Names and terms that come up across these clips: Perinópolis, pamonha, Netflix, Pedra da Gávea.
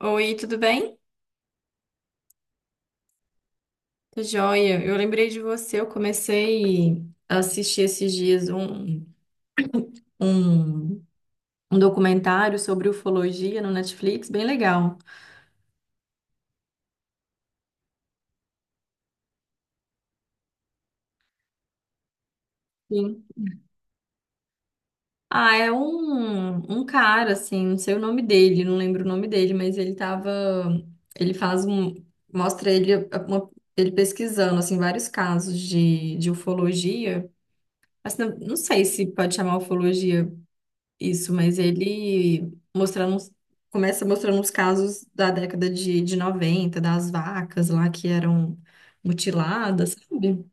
Oi, tudo bem? Tô joia. Eu lembrei de você. Eu comecei a assistir esses dias um, um documentário sobre ufologia no Netflix, bem legal. Sim. Ah, é um cara, assim, não sei o nome dele, não lembro o nome dele, mas ele tava. Ele faz um. Mostra ele, ele pesquisando, assim, vários casos de ufologia. Mas não sei se pode chamar ufologia. Isso, mas ele mostrando, começa mostrando os casos da década de 90 das vacas lá que eram mutiladas, sabe?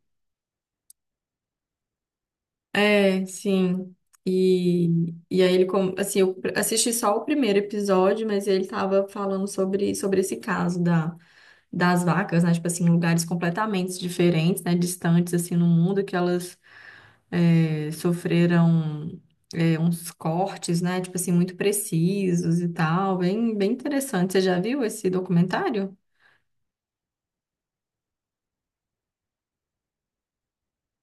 É, sim. E, assim, eu assisti só o primeiro episódio, mas ele tava falando sobre esse caso das vacas, né? Tipo assim, em lugares completamente diferentes, né? Distantes, assim, no mundo, que elas sofreram uns cortes, né? Tipo assim, muito precisos e tal. Bem, bem interessante. Você já viu esse documentário?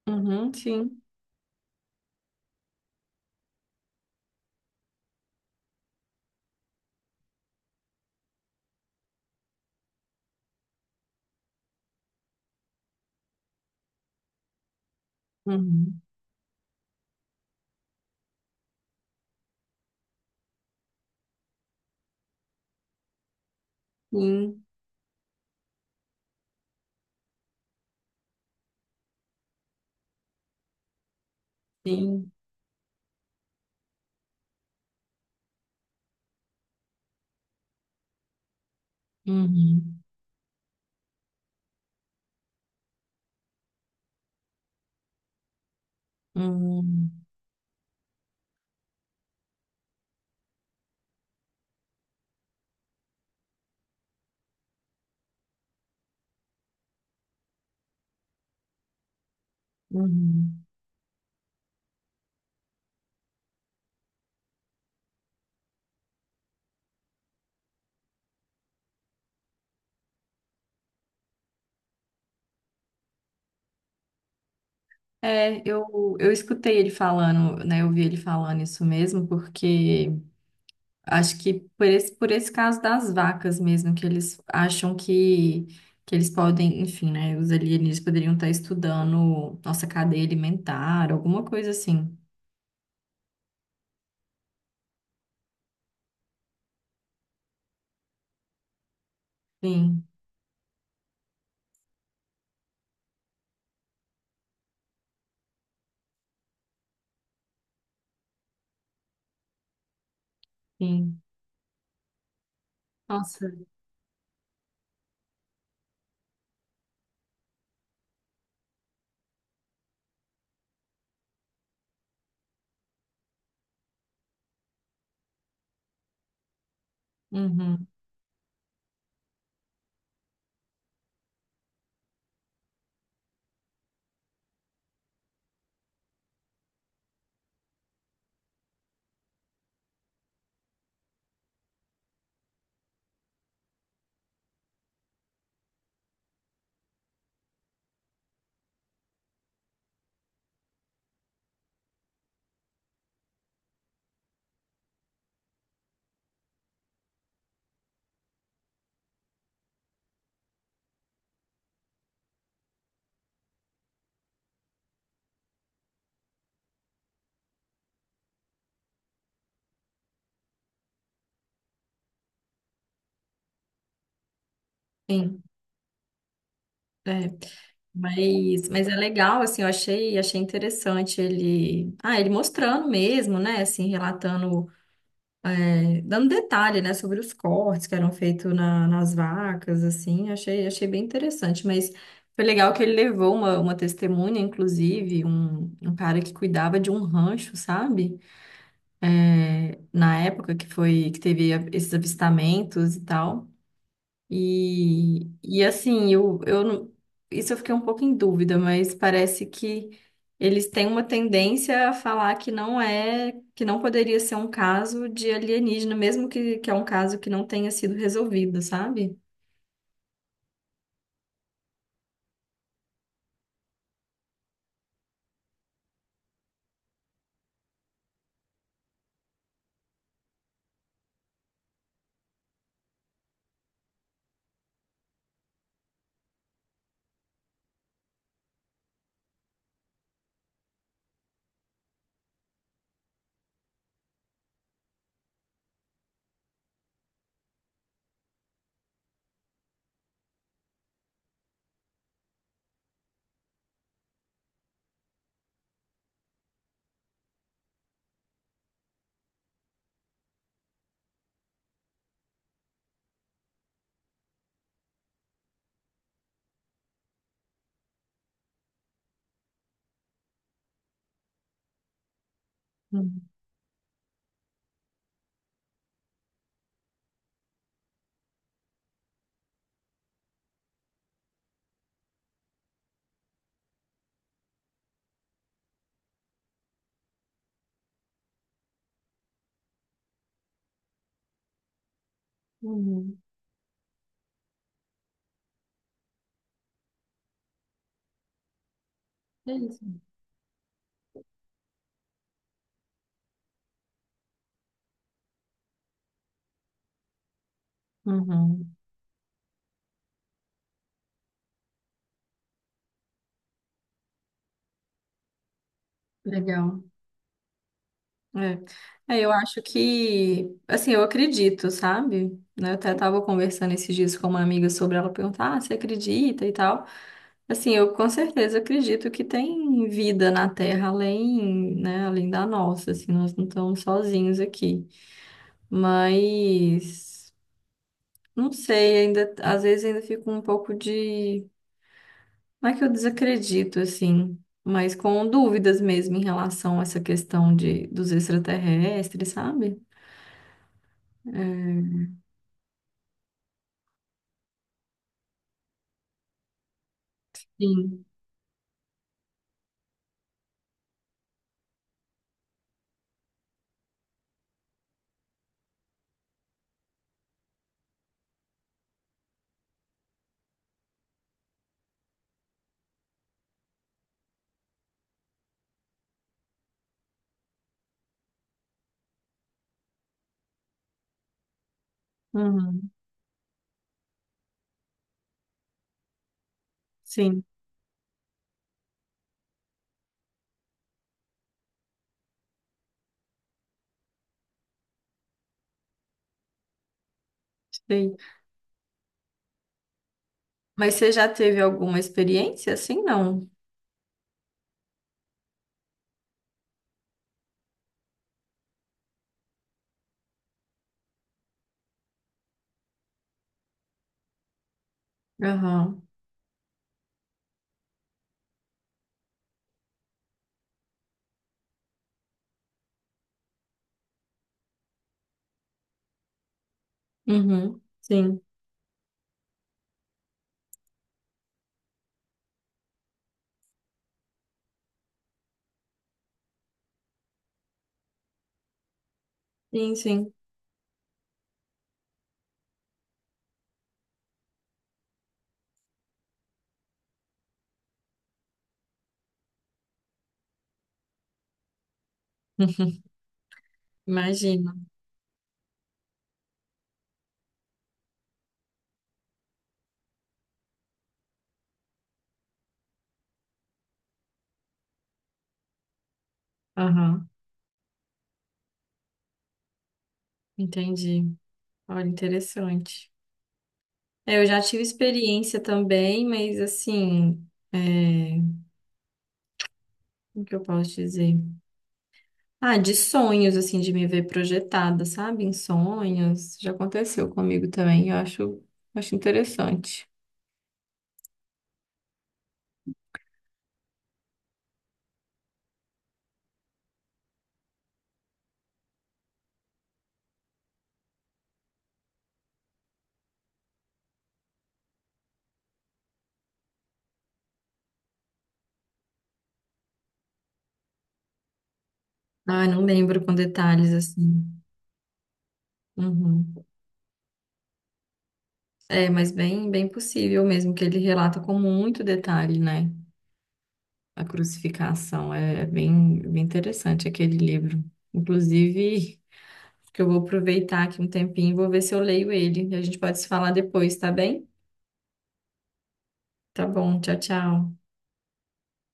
Uhum, sim. Uhum, sim, sim. Uhum, uhum, uhum. É, eu escutei ele falando, né? Eu vi ele falando isso mesmo, porque... Acho que por por esse caso das vacas mesmo, que eles acham que eles podem, enfim, né? Os alienígenas poderiam estar estudando nossa cadeia alimentar, alguma coisa assim. Sim, sim. Nossa. Uhum, sim, é. Mas é legal, assim, eu achei, achei interessante ele, ah, ele mostrando mesmo, né, assim, relatando dando detalhe, né, sobre os cortes que eram feitos nas vacas, assim, achei, achei bem interessante, mas foi legal que ele levou uma testemunha, inclusive, um cara que cuidava de um rancho, sabe? É, na época que foi, que teve esses avistamentos e tal. E assim, eu, não- isso eu fiquei um pouco em dúvida, mas parece que eles têm uma tendência a falar que não é, que não poderia ser um caso de alienígena, mesmo que é um caso que não tenha sido resolvido, sabe? Uhum. Uhum. É isso. Uhum. Legal. É. É, eu acho que, assim, eu acredito, sabe? Né, eu até estava conversando esses dias com uma amiga sobre ela perguntar, ah, você acredita e tal. Assim, eu com certeza acredito que tem vida na Terra além, né, além da nossa, assim, nós não estamos sozinhos aqui. Mas não sei, ainda às vezes ainda fico um pouco de, não é que eu desacredito assim, mas com dúvidas mesmo em relação a essa questão de dos extraterrestres, sabe? É, sim. Uhum. Sim, sei. Mas você já teve alguma experiência assim? Não. Aham. Uhum. Sim. Sim, sim. Imagino. Aham, entendi. Olha, interessante. É, eu já tive experiência também, mas assim, é, o que eu posso dizer? Ah, de sonhos, assim, de me ver projetada, sabe? Em sonhos. Já aconteceu comigo também, eu acho, acho interessante. Ah, não lembro com detalhes, assim. Uhum. É, mas bem, bem possível mesmo, que ele relata com muito detalhe, né? A crucificação. É, é bem, bem interessante aquele livro. Inclusive, que eu vou aproveitar aqui um tempinho e vou ver se eu leio ele. E a gente pode se falar depois, tá bem? Tá bom, tchau, tchau.